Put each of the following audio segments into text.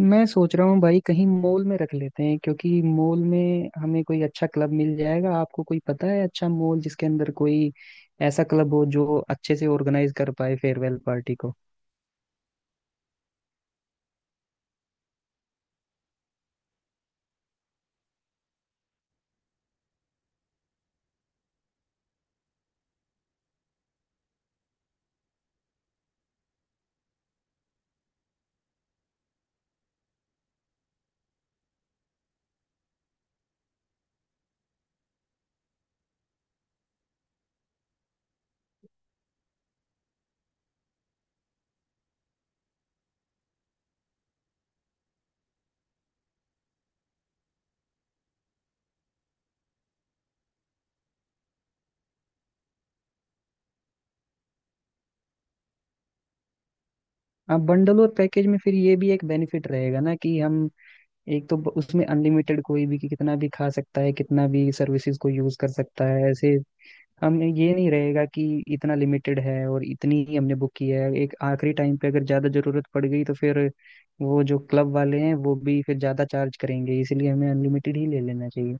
मैं सोच रहा हूँ भाई, कहीं मॉल में रख लेते हैं, क्योंकि मॉल में हमें कोई अच्छा क्लब मिल जाएगा। आपको कोई पता है अच्छा मॉल, जिसके अंदर कोई ऐसा क्लब हो जो अच्छे से ऑर्गेनाइज कर पाए फेयरवेल पार्टी को? अब बंडल और पैकेज में फिर ये भी एक बेनिफिट रहेगा ना, कि हम एक तो उसमें अनलिमिटेड कोई भी, कि कितना भी खा सकता है, कितना भी सर्विसेज को यूज कर सकता है ऐसे। हम ये नहीं रहेगा कि इतना लिमिटेड है और इतनी ही हमने बुक की है, एक आखिरी टाइम पे अगर ज़्यादा ज़रूरत पड़ गई तो फिर वो जो क्लब वाले हैं वो भी फिर ज़्यादा चार्ज करेंगे, इसीलिए हमें अनलिमिटेड ही ले लेना चाहिए।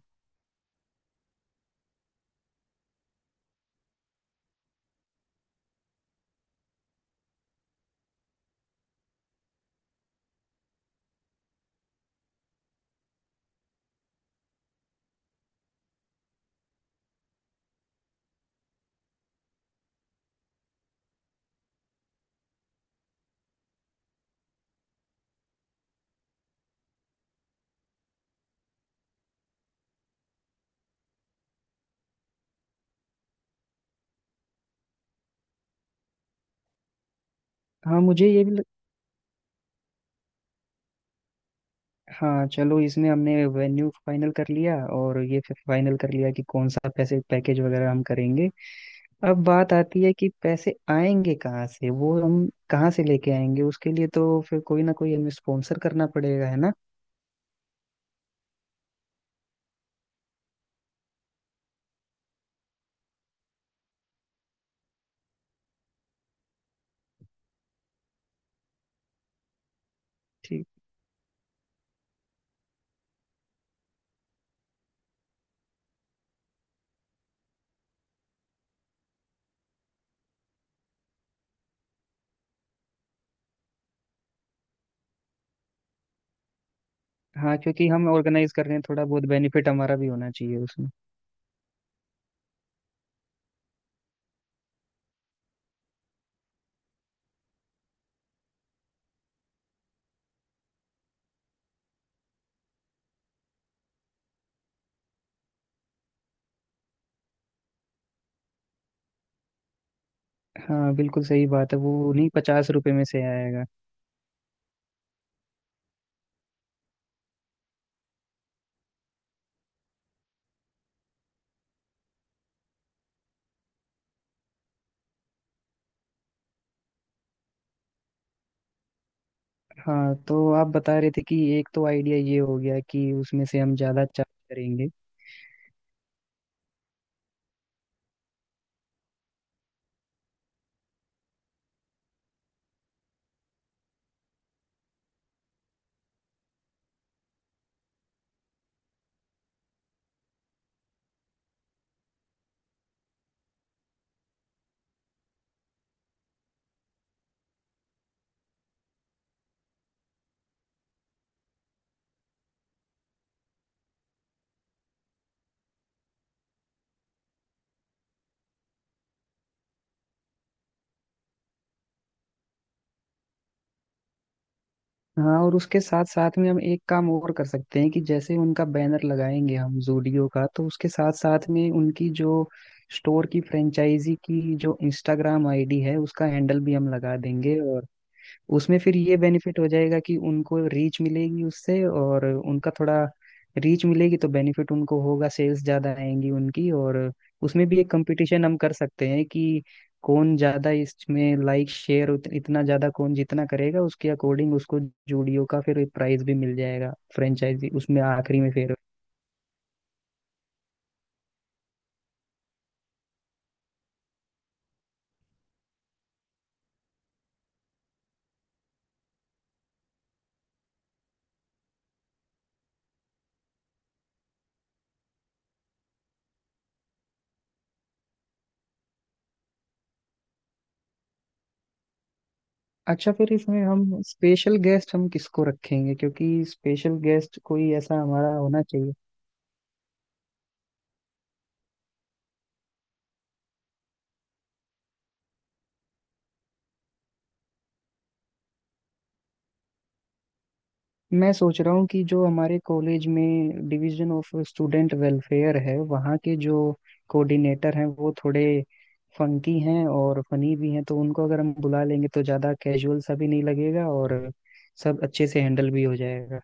हाँ, मुझे ये भी हाँ चलो, इसमें हमने वेन्यू फाइनल कर लिया और ये फिर फाइनल कर लिया कि कौन सा पैसे पैकेज वगैरह हम करेंगे। अब बात आती है कि पैसे आएंगे कहाँ से, वो हम कहाँ से लेके आएंगे? उसके लिए तो फिर कोई ना कोई हमें स्पॉन्सर करना पड़ेगा, है ना? ठीक। हाँ, क्योंकि हम ऑर्गेनाइज कर रहे हैं, थोड़ा बहुत बेनिफिट हमारा भी होना चाहिए उसमें। हाँ बिल्कुल सही बात है, वो नहीं 50 रुपए में से आएगा। हाँ तो आप बता रहे थे कि एक तो आइडिया ये हो गया कि उसमें से हम ज्यादा चार्ज करेंगे। हाँ और उसके साथ साथ में हम एक काम और कर सकते हैं कि जैसे उनका बैनर लगाएंगे हम जूडियो का, तो उसके साथ साथ में उनकी जो स्टोर की फ्रेंचाइजी की जो इंस्टाग्राम आईडी है उसका हैंडल भी हम लगा देंगे। और उसमें फिर ये बेनिफिट हो जाएगा कि उनको रीच मिलेगी उससे और उनका थोड़ा रीच मिलेगी तो बेनिफिट उनको होगा, सेल्स ज़्यादा आएंगी उनकी। और उसमें भी एक कंपटीशन हम कर सकते हैं कि कौन ज़्यादा इसमें लाइक शेयर, इतना ज़्यादा कौन जितना करेगा उसके अकॉर्डिंग उसको जूडियो का फिर प्राइस भी मिल जाएगा फ्रेंचाइजी, उसमें आखिरी में फिर। अच्छा, फिर इसमें हम स्पेशल गेस्ट हम किसको रखेंगे, क्योंकि स्पेशल गेस्ट कोई ऐसा हमारा होना चाहिए। मैं सोच रहा हूँ कि जो हमारे कॉलेज में डिवीजन ऑफ स्टूडेंट वेलफेयर है वहाँ के जो कोऑर्डिनेटर हैं वो थोड़े फंकी हैं और फनी भी हैं, तो उनको अगर हम बुला लेंगे तो ज़्यादा कैजुअल सा भी नहीं लगेगा और सब अच्छे से हैंडल भी हो जाएगा।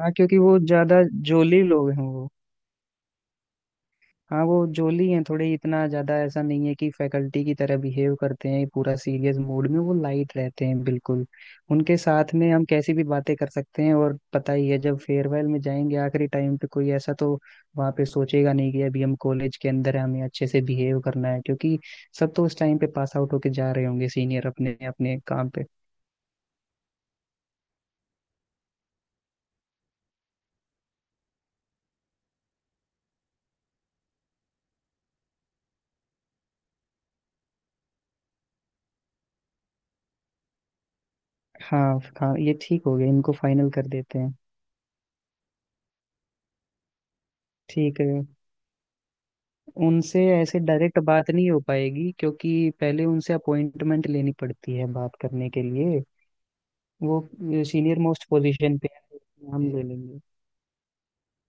हाँ क्योंकि वो ज़्यादा जोली लोग हैं वो। हाँ वो जोली हैं थोड़े, इतना ज्यादा ऐसा नहीं है कि फैकल्टी की तरह बिहेव करते हैं पूरा सीरियस मूड में, वो लाइट रहते हैं बिल्कुल। उनके साथ में हम कैसी भी बातें कर सकते हैं और पता ही है, जब फेयरवेल में जाएंगे आखिरी टाइम पे कोई ऐसा तो वहाँ पे सोचेगा नहीं कि अभी हम कॉलेज के अंदर है, हमें अच्छे से बिहेव करना है, क्योंकि सब तो उस टाइम पे पास आउट होके जा रहे होंगे सीनियर अपने अपने काम पे। हाँ हाँ, ये ठीक हो गया, इनको फाइनल कर देते हैं। ठीक है। उनसे ऐसे डायरेक्ट बात नहीं हो पाएगी, क्योंकि पहले उनसे अपॉइंटमेंट लेनी पड़ती है बात करने के लिए। वो सीनियर मोस्ट पोजीशन पे है। नाम ले लेंगे।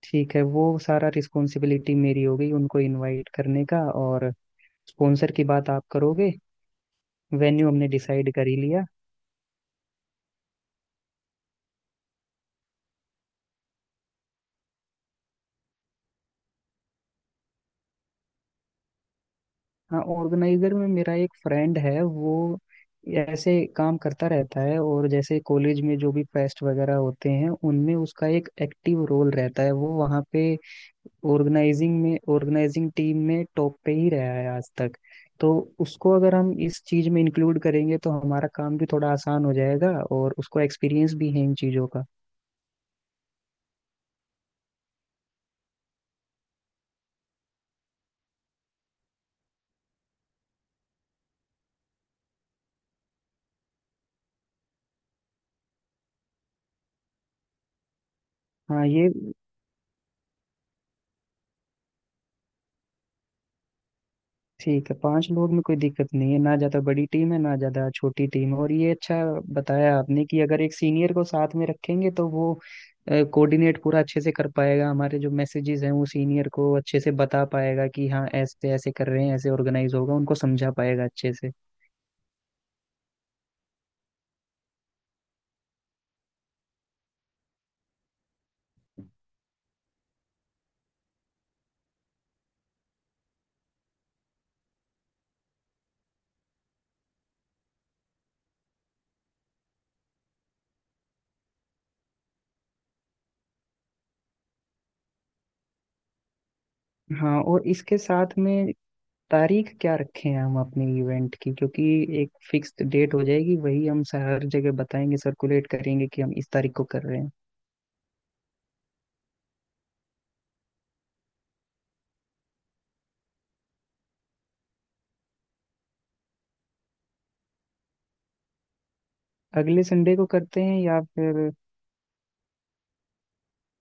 ठीक है, वो सारा रिस्पॉन्सिबिलिटी मेरी हो गई उनको इनवाइट करने का। और स्पॉन्सर की बात आप करोगे। वेन्यू हमने डिसाइड कर ही लिया। हाँ ऑर्गेनाइजर में मेरा एक फ्रेंड है, वो ऐसे काम करता रहता है और जैसे कॉलेज में जो भी फेस्ट वगैरह होते हैं उनमें उसका एक एक्टिव रोल रहता है, वो वहाँ पे ऑर्गेनाइजिंग में ऑर्गेनाइजिंग टीम में टॉप पे ही रहा है आज तक। तो उसको अगर हम इस चीज में इंक्लूड करेंगे तो हमारा काम भी थोड़ा आसान हो जाएगा और उसको एक्सपीरियंस भी है इन चीजों का। हाँ ये ठीक है, पांच लोग में कोई दिक्कत नहीं है, ना ज्यादा बड़ी टीम है ना ज्यादा छोटी टीम है। और ये अच्छा बताया आपने कि अगर एक सीनियर को साथ में रखेंगे तो वो कोऑर्डिनेट पूरा अच्छे से कर पाएगा, हमारे जो मैसेजेस हैं वो सीनियर को अच्छे से बता पाएगा कि हाँ ऐसे ऐसे कर रहे हैं, ऐसे ऑर्गेनाइज होगा, उनको समझा पाएगा अच्छे से। हाँ और इसके साथ में तारीख क्या रखें हम अपने इवेंट की, क्योंकि एक फिक्स डेट हो जाएगी, वही हम हर जगह बताएंगे, सर्कुलेट करेंगे कि हम इस तारीख को कर रहे हैं। अगले संडे को करते हैं या फिर?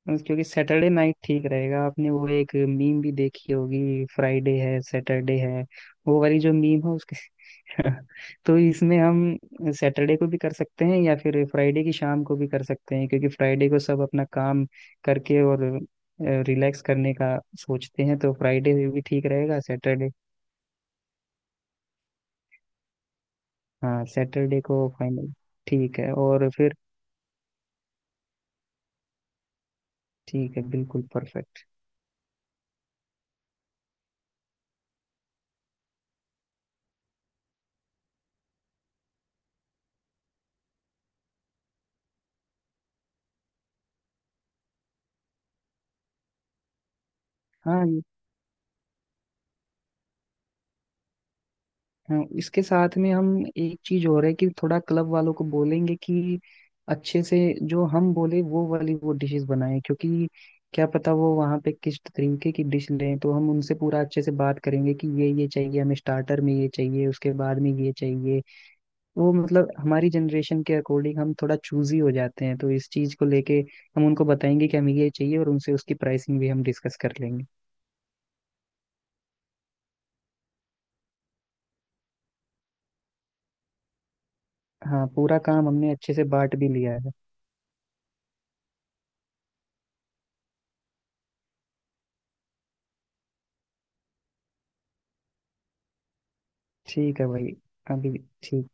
बस क्योंकि सैटरडे नाइट ठीक रहेगा, आपने वो एक मीम भी देखी होगी, फ्राइडे है सैटरडे है, वो वाली जो मीम है उसके। तो इसमें हम सैटरडे को भी कर सकते हैं या फिर फ्राइडे की शाम को भी कर सकते हैं, क्योंकि फ्राइडे को सब अपना काम करके और रिलैक्स करने का सोचते हैं, तो फ्राइडे भी ठीक रहेगा सैटरडे। हाँ सैटरडे को फाइनल। ठीक है और फिर ठीक है, बिल्कुल परफेक्ट। हाँ हाँ, इसके साथ में हम एक चीज और है कि थोड़ा क्लब वालों को बोलेंगे कि अच्छे से जो हम बोले वो वाली वो डिशेस बनाएं, क्योंकि क्या पता वो वहाँ पे किस तरीके की डिश लें। तो हम उनसे पूरा अच्छे से बात करेंगे कि ये चाहिए हमें स्टार्टर में, ये चाहिए उसके बाद में, ये चाहिए वो। मतलब हमारी जनरेशन के अकॉर्डिंग हम थोड़ा चूजी हो जाते हैं, तो इस चीज को लेके हम उनको बताएंगे कि हमें ये चाहिए और उनसे उसकी प्राइसिंग भी हम डिस्कस कर लेंगे। हाँ पूरा काम हमने अच्छे से बांट भी लिया है। ठीक है भाई। अभी ठीक।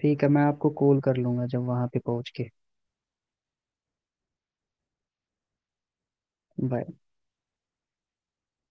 ठीक है, मैं आपको कॉल कर लूंगा जब वहां पे पहुंच के। बाय।